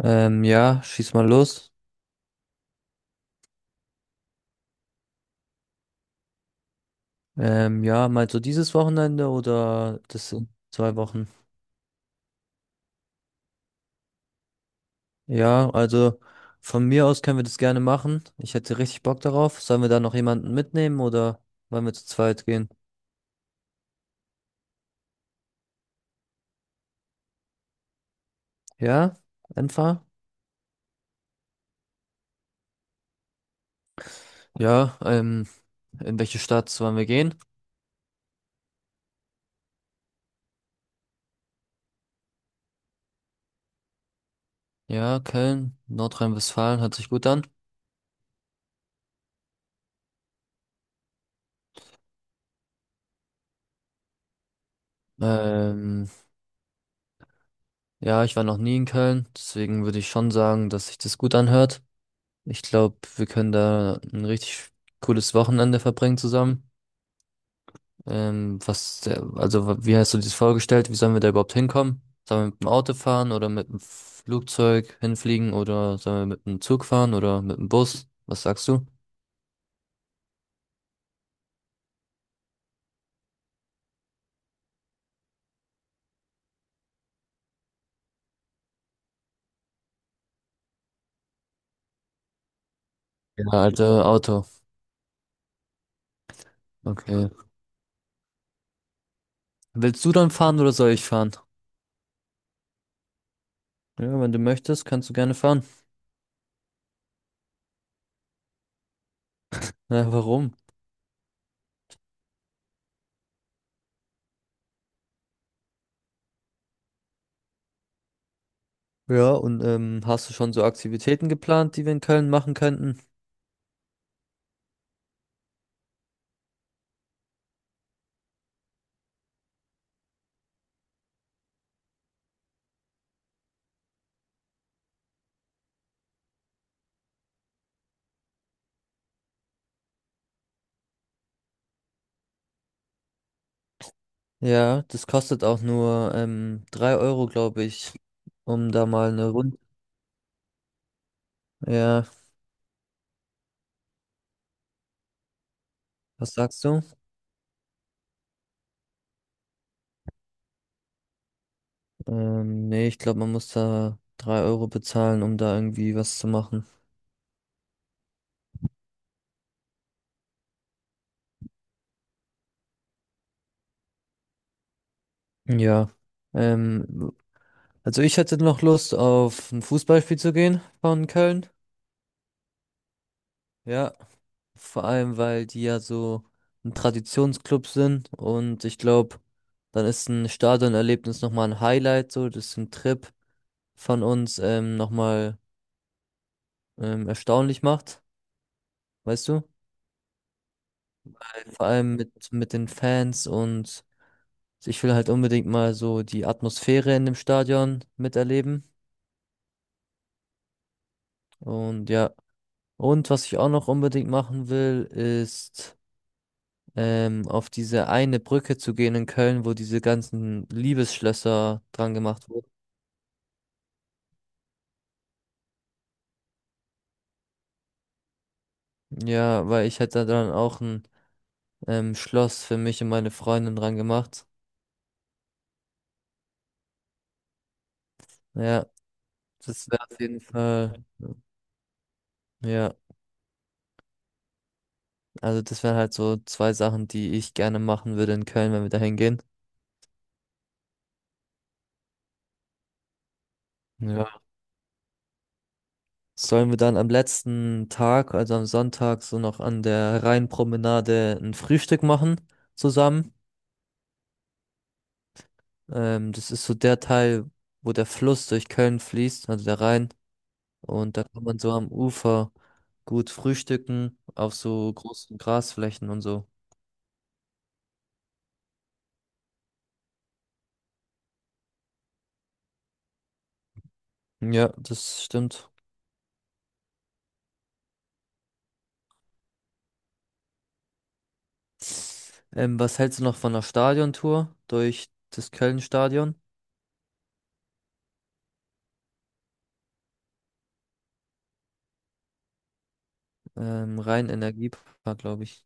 Ja, schieß mal los. Ja, meinst du dieses Wochenende oder das sind zwei Wochen? Ja, also von mir aus können wir das gerne machen. Ich hätte richtig Bock darauf. Sollen wir da noch jemanden mitnehmen oder wollen wir zu zweit gehen? Ja, einfach. Ja, in welche Stadt sollen wir gehen? Ja, Köln, Nordrhein-Westfalen, hört sich gut an. Ähm, ja, ich war noch nie in Köln, deswegen würde ich schon sagen, dass sich das gut anhört. Ich glaube, wir können da ein richtig cooles Wochenende verbringen zusammen. Was, der- also wa- Wie hast du dir das vorgestellt? Wie sollen wir da überhaupt hinkommen? Sollen wir mit dem Auto fahren oder mit dem Flugzeug hinfliegen oder sollen wir mit dem Zug fahren oder mit dem Bus? Was sagst du? Ja, Alter, Auto. Okay. Willst du dann fahren oder soll ich fahren? Ja, wenn du möchtest, kannst du gerne fahren. Ja, warum? Ja, und hast du schon so Aktivitäten geplant, die wir in Köln machen könnten? Ja, das kostet auch nur 3 Euro, glaube ich, um da mal eine Runde. Ja, was sagst du? Nee, ich glaube, man muss da 3 Euro bezahlen, um da irgendwie was zu machen. Ja. Ähm, also ich hätte noch Lust auf ein Fußballspiel zu gehen von Köln. Ja, vor allem, weil die ja so ein Traditionsclub sind und ich glaube, dann ist ein Stadionerlebnis nochmal ein Highlight, so, das ist ein Trip von uns nochmal erstaunlich macht, weißt du? Vor allem mit den Fans und ich will halt unbedingt mal so die Atmosphäre in dem Stadion miterleben. Und ja, und was ich auch noch unbedingt machen will, ist auf diese eine Brücke zu gehen in Köln, wo diese ganzen Liebesschlösser dran gemacht wurden. Ja, weil ich hätte dann auch ein Schloss für mich und meine Freundin dran gemacht. Ja, das wäre auf jeden Fall, ja. Also das wären halt so zwei Sachen, die ich gerne machen würde in Köln, wenn wir da hingehen. Ja. Sollen wir dann am letzten Tag, also am Sonntag, so noch an der Rheinpromenade ein Frühstück machen zusammen? Das ist so der Teil, wo der Fluss durch Köln fließt, also der Rhein. Und da kann man so am Ufer gut frühstücken, auf so großen Grasflächen und so. Ja, das stimmt. Was hältst du noch von einer Stadiontour durch das Köln-Stadion? Rein Energiepark, glaube ich.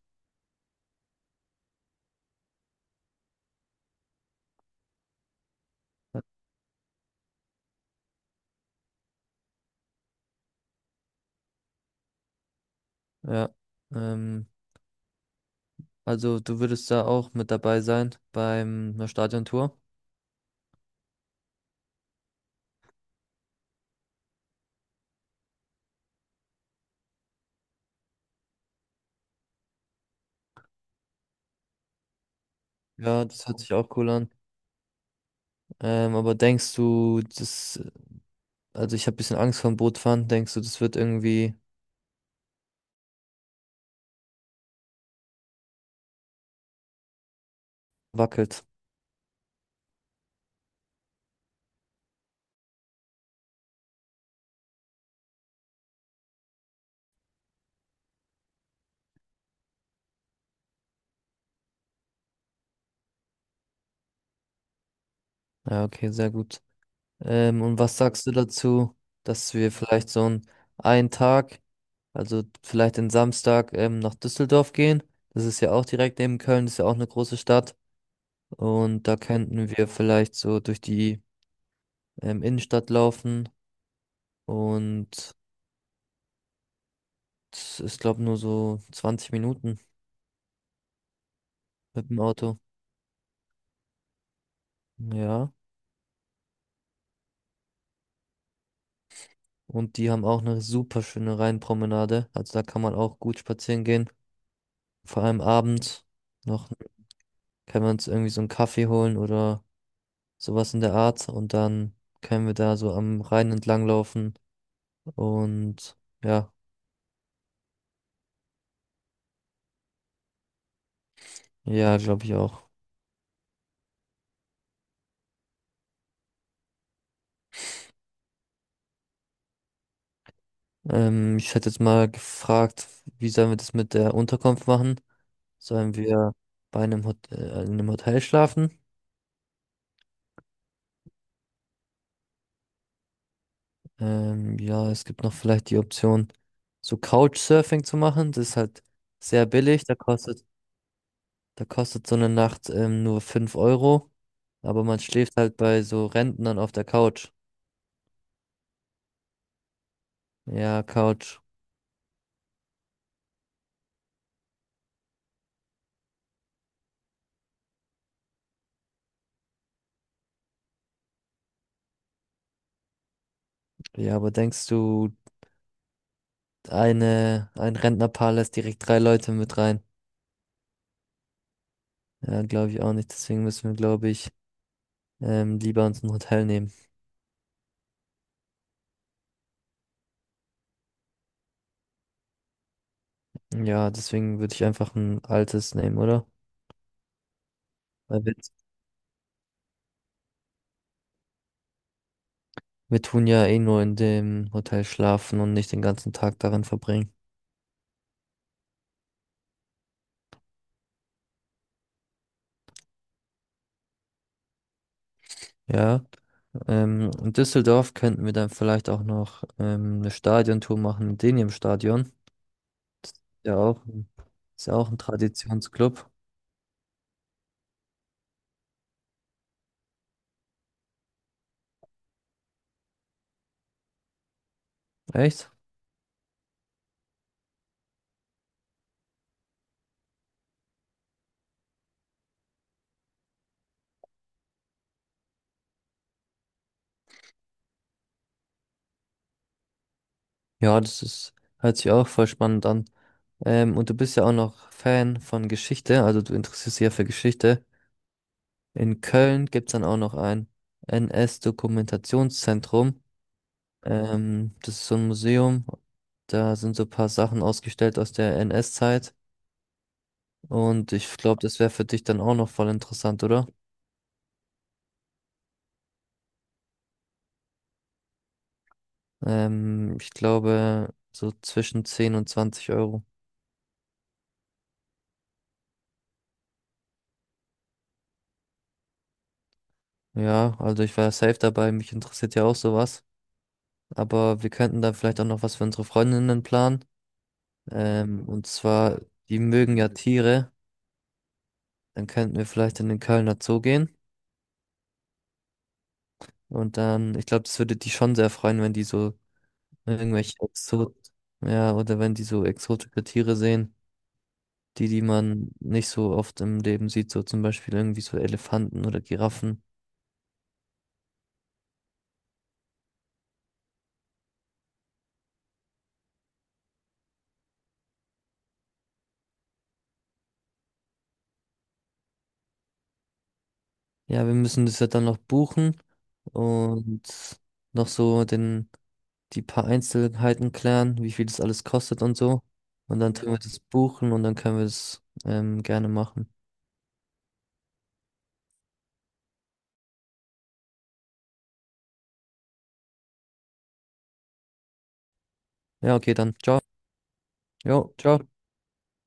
Ja. Ähm, also du würdest da auch mit dabei sein beim einer Stadiontour. Ja, das hört sich auch cool an. Aber denkst du, das, also ich habe ein bisschen Angst vorm Bootfahren, denkst du, das wird irgendwie wackelt? Ja, okay, sehr gut. Und was sagst du dazu, dass wir vielleicht so einen Tag, also vielleicht den Samstag nach Düsseldorf gehen? Das ist ja auch direkt neben Köln, das ist ja auch eine große Stadt. Und da könnten wir vielleicht so durch die Innenstadt laufen. Und es ist, glaube nur so 20 Minuten mit dem Auto. Ja. Und die haben auch eine super schöne Rheinpromenade. Also da kann man auch gut spazieren gehen. Vor allem abends noch können wir uns irgendwie so einen Kaffee holen oder sowas in der Art. Und dann können wir da so am Rhein entlang laufen. Und ja, ja, glaube ich auch. Ich hätte jetzt mal gefragt, wie sollen wir das mit der Unterkunft machen? Sollen wir bei einem Hot in einem Hotel schlafen? Ja, es gibt noch vielleicht die Option, so Couchsurfing zu machen. Das ist halt sehr billig. Da kostet so eine Nacht nur 5 Euro. Aber man schläft halt bei so Rentnern auf der Couch. Ja, Couch. Ja, aber denkst du, ein Rentnerpaar lässt direkt drei Leute mit rein? Ja, glaube ich auch nicht. Deswegen müssen wir, glaube ich, lieber uns ein Hotel nehmen. Ja, deswegen würde ich einfach ein altes nehmen, oder? Weil wir Wir tun ja eh nur in dem Hotel schlafen und nicht den ganzen Tag darin verbringen. Ja, in Düsseldorf könnten wir dann vielleicht auch noch eine Stadiontour machen mit denen im Stadion. Ja, auch, ist ja auch ein Traditionsclub. Echt? Ja, das ist, hört sich auch voll spannend an. Und du bist ja auch noch Fan von Geschichte, also du interessierst dich ja für Geschichte. In Köln gibt's dann auch noch ein NS-Dokumentationszentrum. Das ist so ein Museum. Da sind so ein paar Sachen ausgestellt aus der NS-Zeit. Und ich glaube, das wäre für dich dann auch noch voll interessant, oder? Ich glaube, so zwischen 10 und 20 Euro. Ja, also ich war safe dabei. Mich interessiert ja auch sowas. Aber wir könnten dann vielleicht auch noch was für unsere Freundinnen planen. Und zwar, die mögen ja Tiere. Dann könnten wir vielleicht in den Kölner Zoo gehen. Und dann, ich glaube, das würde die schon sehr freuen, wenn die so irgendwelche Exot, ja, oder wenn die so exotische Tiere sehen, die man nicht so oft im Leben sieht, so zum Beispiel irgendwie so Elefanten oder Giraffen. Ja, wir müssen das ja dann noch buchen und noch so den, die paar Einzelheiten klären, wie viel das alles kostet und so. Und dann tun wir das buchen und dann können wir das gerne machen. Ja, okay, dann. Ciao. Jo, ciao.